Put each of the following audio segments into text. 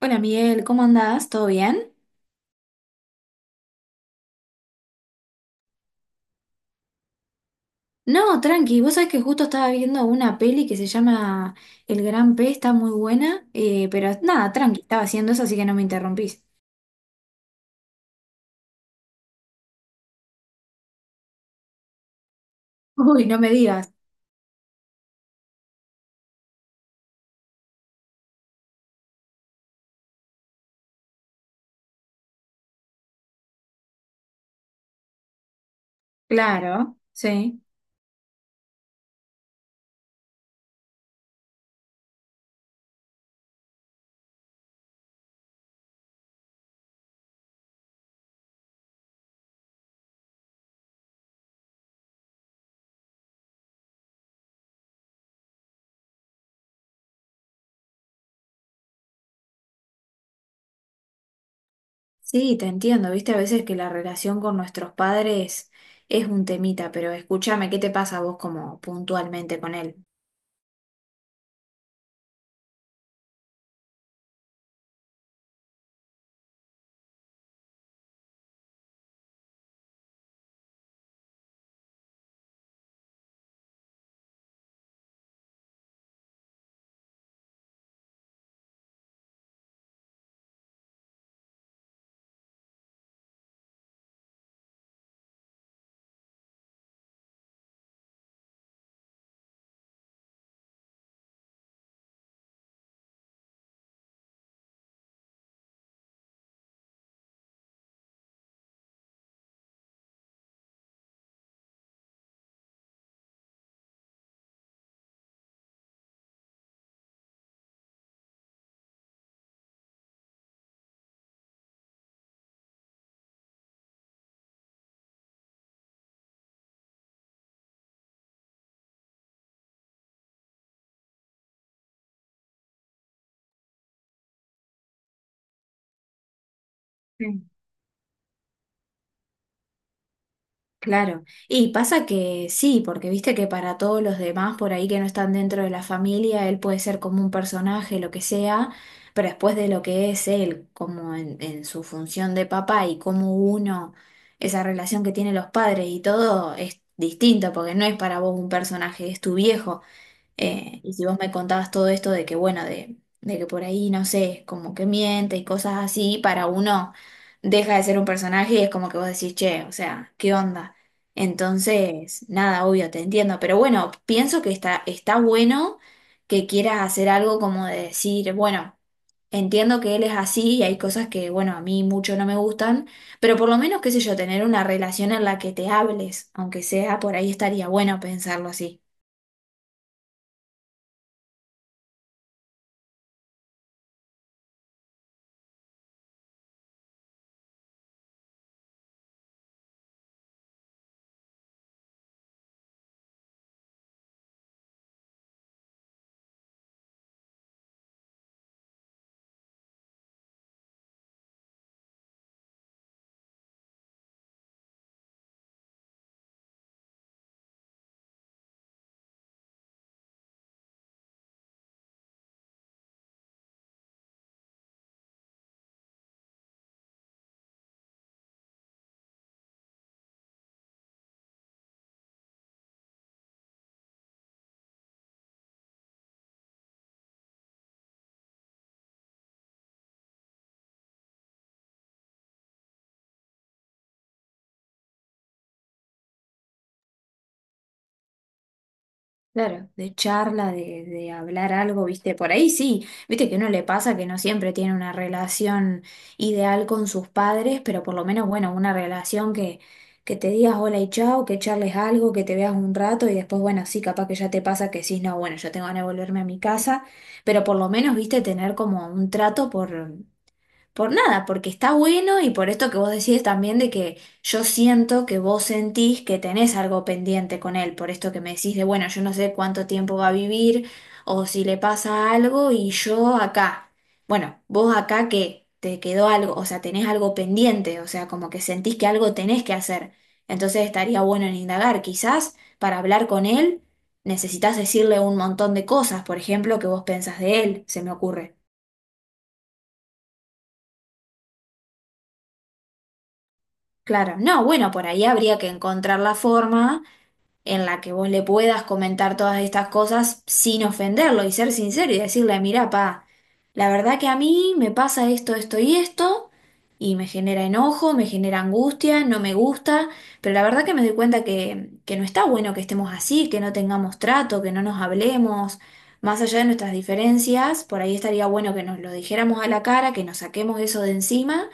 Hola Miguel, ¿cómo andás? ¿Todo bien? No, tranqui, vos sabés que justo estaba viendo una peli que se llama El Gran P, está muy buena, pero nada, tranqui, estaba haciendo eso, así que no me interrumpís. Uy, no me digas. Claro, sí. Sí, te entiendo, viste, a veces que la relación con nuestros padres es un temita, pero escúchame, ¿qué te pasa a vos como puntualmente con él? Claro, y pasa que sí, porque viste que para todos los demás por ahí que no están dentro de la familia, él puede ser como un personaje, lo que sea, pero después de lo que es él, como en su función de papá y como uno, esa relación que tienen los padres y todo es distinto, porque no es para vos un personaje, es tu viejo. Y si vos me contabas todo esto de que, bueno, de que por ahí, no sé, como que miente y cosas así, para uno deja de ser un personaje y es como que vos decís, che, o sea, ¿qué onda? Entonces, nada, obvio, te entiendo, pero bueno, pienso que está bueno que quieras hacer algo como de decir, bueno, entiendo que él es así y hay cosas que, bueno, a mí mucho no me gustan, pero por lo menos, qué sé yo, tener una relación en la que te hables, aunque sea por ahí estaría bueno pensarlo así. Claro, de charla, de hablar algo, viste, por ahí sí, viste que no le pasa que no siempre tiene una relación ideal con sus padres, pero por lo menos, bueno, una relación que te digas hola y chao, que charles algo, que te veas un rato y después, bueno, sí, capaz que ya te pasa que sí, no, bueno, yo tengo ganas de volverme a mi casa, pero por lo menos, viste, tener como un trato por nada, porque está bueno y por esto que vos decís también de que yo siento que vos sentís que tenés algo pendiente con él, por esto que me decís de, bueno, yo no sé cuánto tiempo va a vivir o si le pasa algo y yo acá. Bueno, vos acá que te quedó algo, o sea, tenés algo pendiente, o sea, como que sentís que algo tenés que hacer. Entonces estaría bueno en indagar, quizás para hablar con él necesitas decirle un montón de cosas, por ejemplo, que vos pensás de él, se me ocurre. Claro, no, bueno, por ahí habría que encontrar la forma en la que vos le puedas comentar todas estas cosas sin ofenderlo y ser sincero y decirle, mira, pa, la verdad que a mí me pasa esto, esto y esto, y me genera enojo, me genera angustia, no me gusta, pero la verdad que me doy cuenta que no está bueno que estemos así, que no tengamos trato, que no nos hablemos, más allá de nuestras diferencias, por ahí estaría bueno que nos lo dijéramos a la cara, que nos saquemos eso de encima,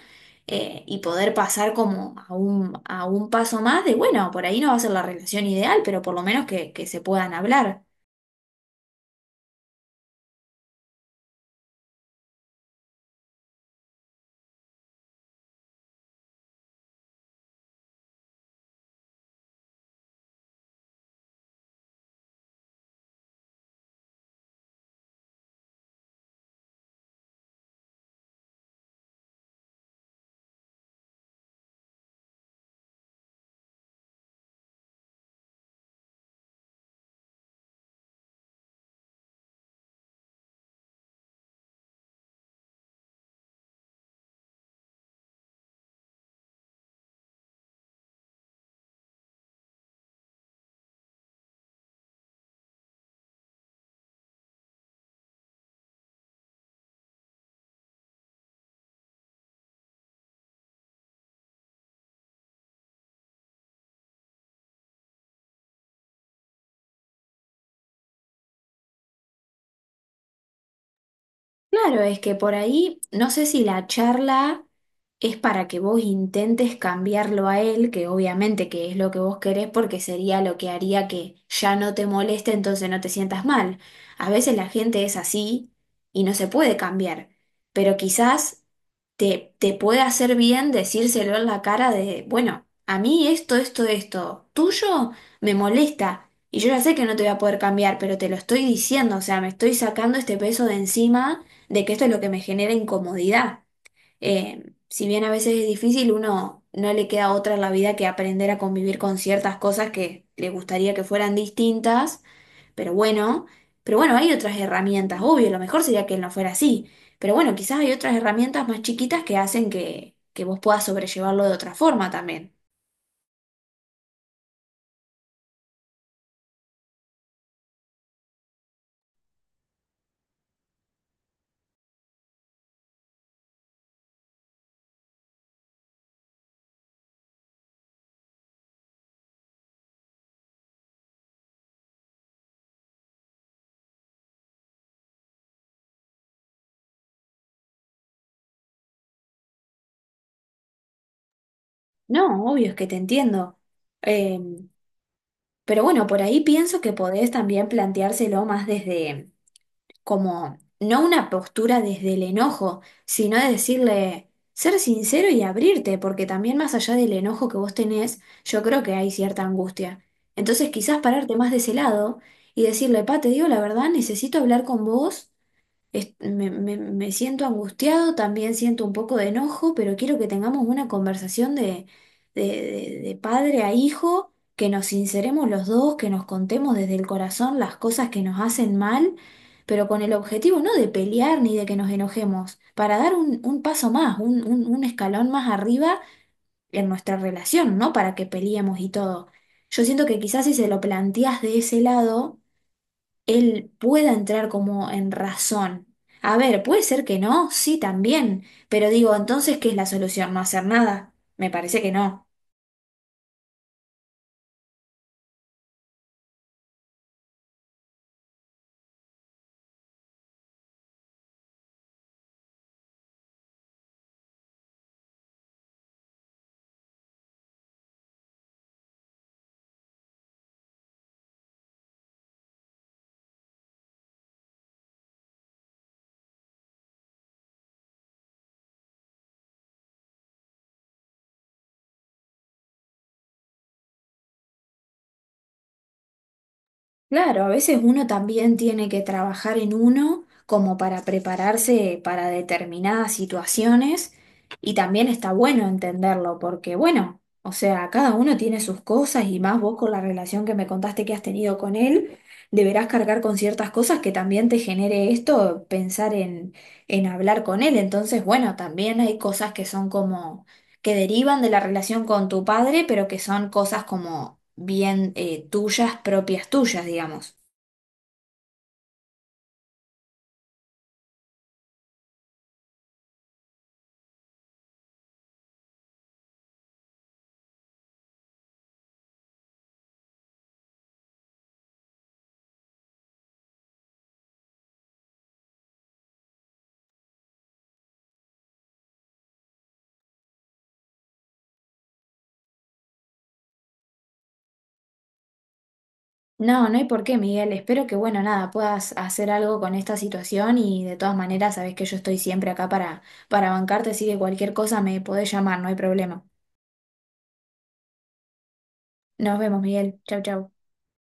y poder pasar como a un paso más de, bueno, por ahí no va a ser la relación ideal, pero por lo menos que se puedan hablar. Claro, es que por ahí, no sé si la charla es para que vos intentes cambiarlo a él, que obviamente que es lo que vos querés, porque sería lo que haría que ya no te moleste, entonces no te sientas mal. A veces la gente es así y no se puede cambiar, pero quizás te puede hacer bien decírselo en la cara de, bueno, a mí esto, esto, esto, tuyo me molesta. Y yo ya sé que no te voy a poder cambiar, pero te lo estoy diciendo, o sea, me estoy sacando este peso de encima de que esto es lo que me genera incomodidad. Si bien a veces es difícil, uno no le queda otra en la vida que aprender a convivir con ciertas cosas que le gustaría que fueran distintas, pero bueno, pero bueno, hay otras herramientas, obvio, lo mejor sería que no fuera así, pero bueno, quizás hay otras herramientas más chiquitas que hacen que vos puedas sobrellevarlo de otra forma también. No, obvio, es que te entiendo. Eh, pero bueno, por ahí pienso que podés también planteárselo más desde como no una postura desde el enojo, sino de decirle, ser sincero y abrirte, porque también más allá del enojo que vos tenés, yo creo que hay cierta angustia. Entonces quizás pararte más de ese lado y decirle, pa, te digo la verdad, necesito hablar con vos. Me siento angustiado, también siento un poco de enojo, pero quiero que tengamos una conversación de, de padre a hijo, que nos sinceremos los dos, que nos contemos desde el corazón las cosas que nos hacen mal, pero con el objetivo no de pelear ni de que nos enojemos, para dar un paso más, un, un escalón más arriba en nuestra relación, no para que peleemos y todo. Yo siento que quizás si se lo planteas de ese lado él pueda entrar como en razón. A ver, puede ser que no, sí, también, pero digo, entonces, ¿qué es la solución? ¿No hacer nada? Me parece que no. Claro, a veces uno también tiene que trabajar en uno como para prepararse para determinadas situaciones y también está bueno entenderlo porque bueno, o sea, cada uno tiene sus cosas y más vos con la relación que me contaste que has tenido con él, deberás cargar con ciertas cosas que también te genere esto, pensar en hablar con él. Entonces, bueno, también hay cosas que son como que derivan de la relación con tu padre, pero que son cosas como bien tuyas, propias tuyas, digamos. No, no hay por qué, Miguel. Espero que, bueno, nada, puedas hacer algo con esta situación y de todas maneras sabes que yo estoy siempre acá para bancarte, así que cualquier cosa me podés llamar, no hay problema. Nos vemos, Miguel. Chau, chau.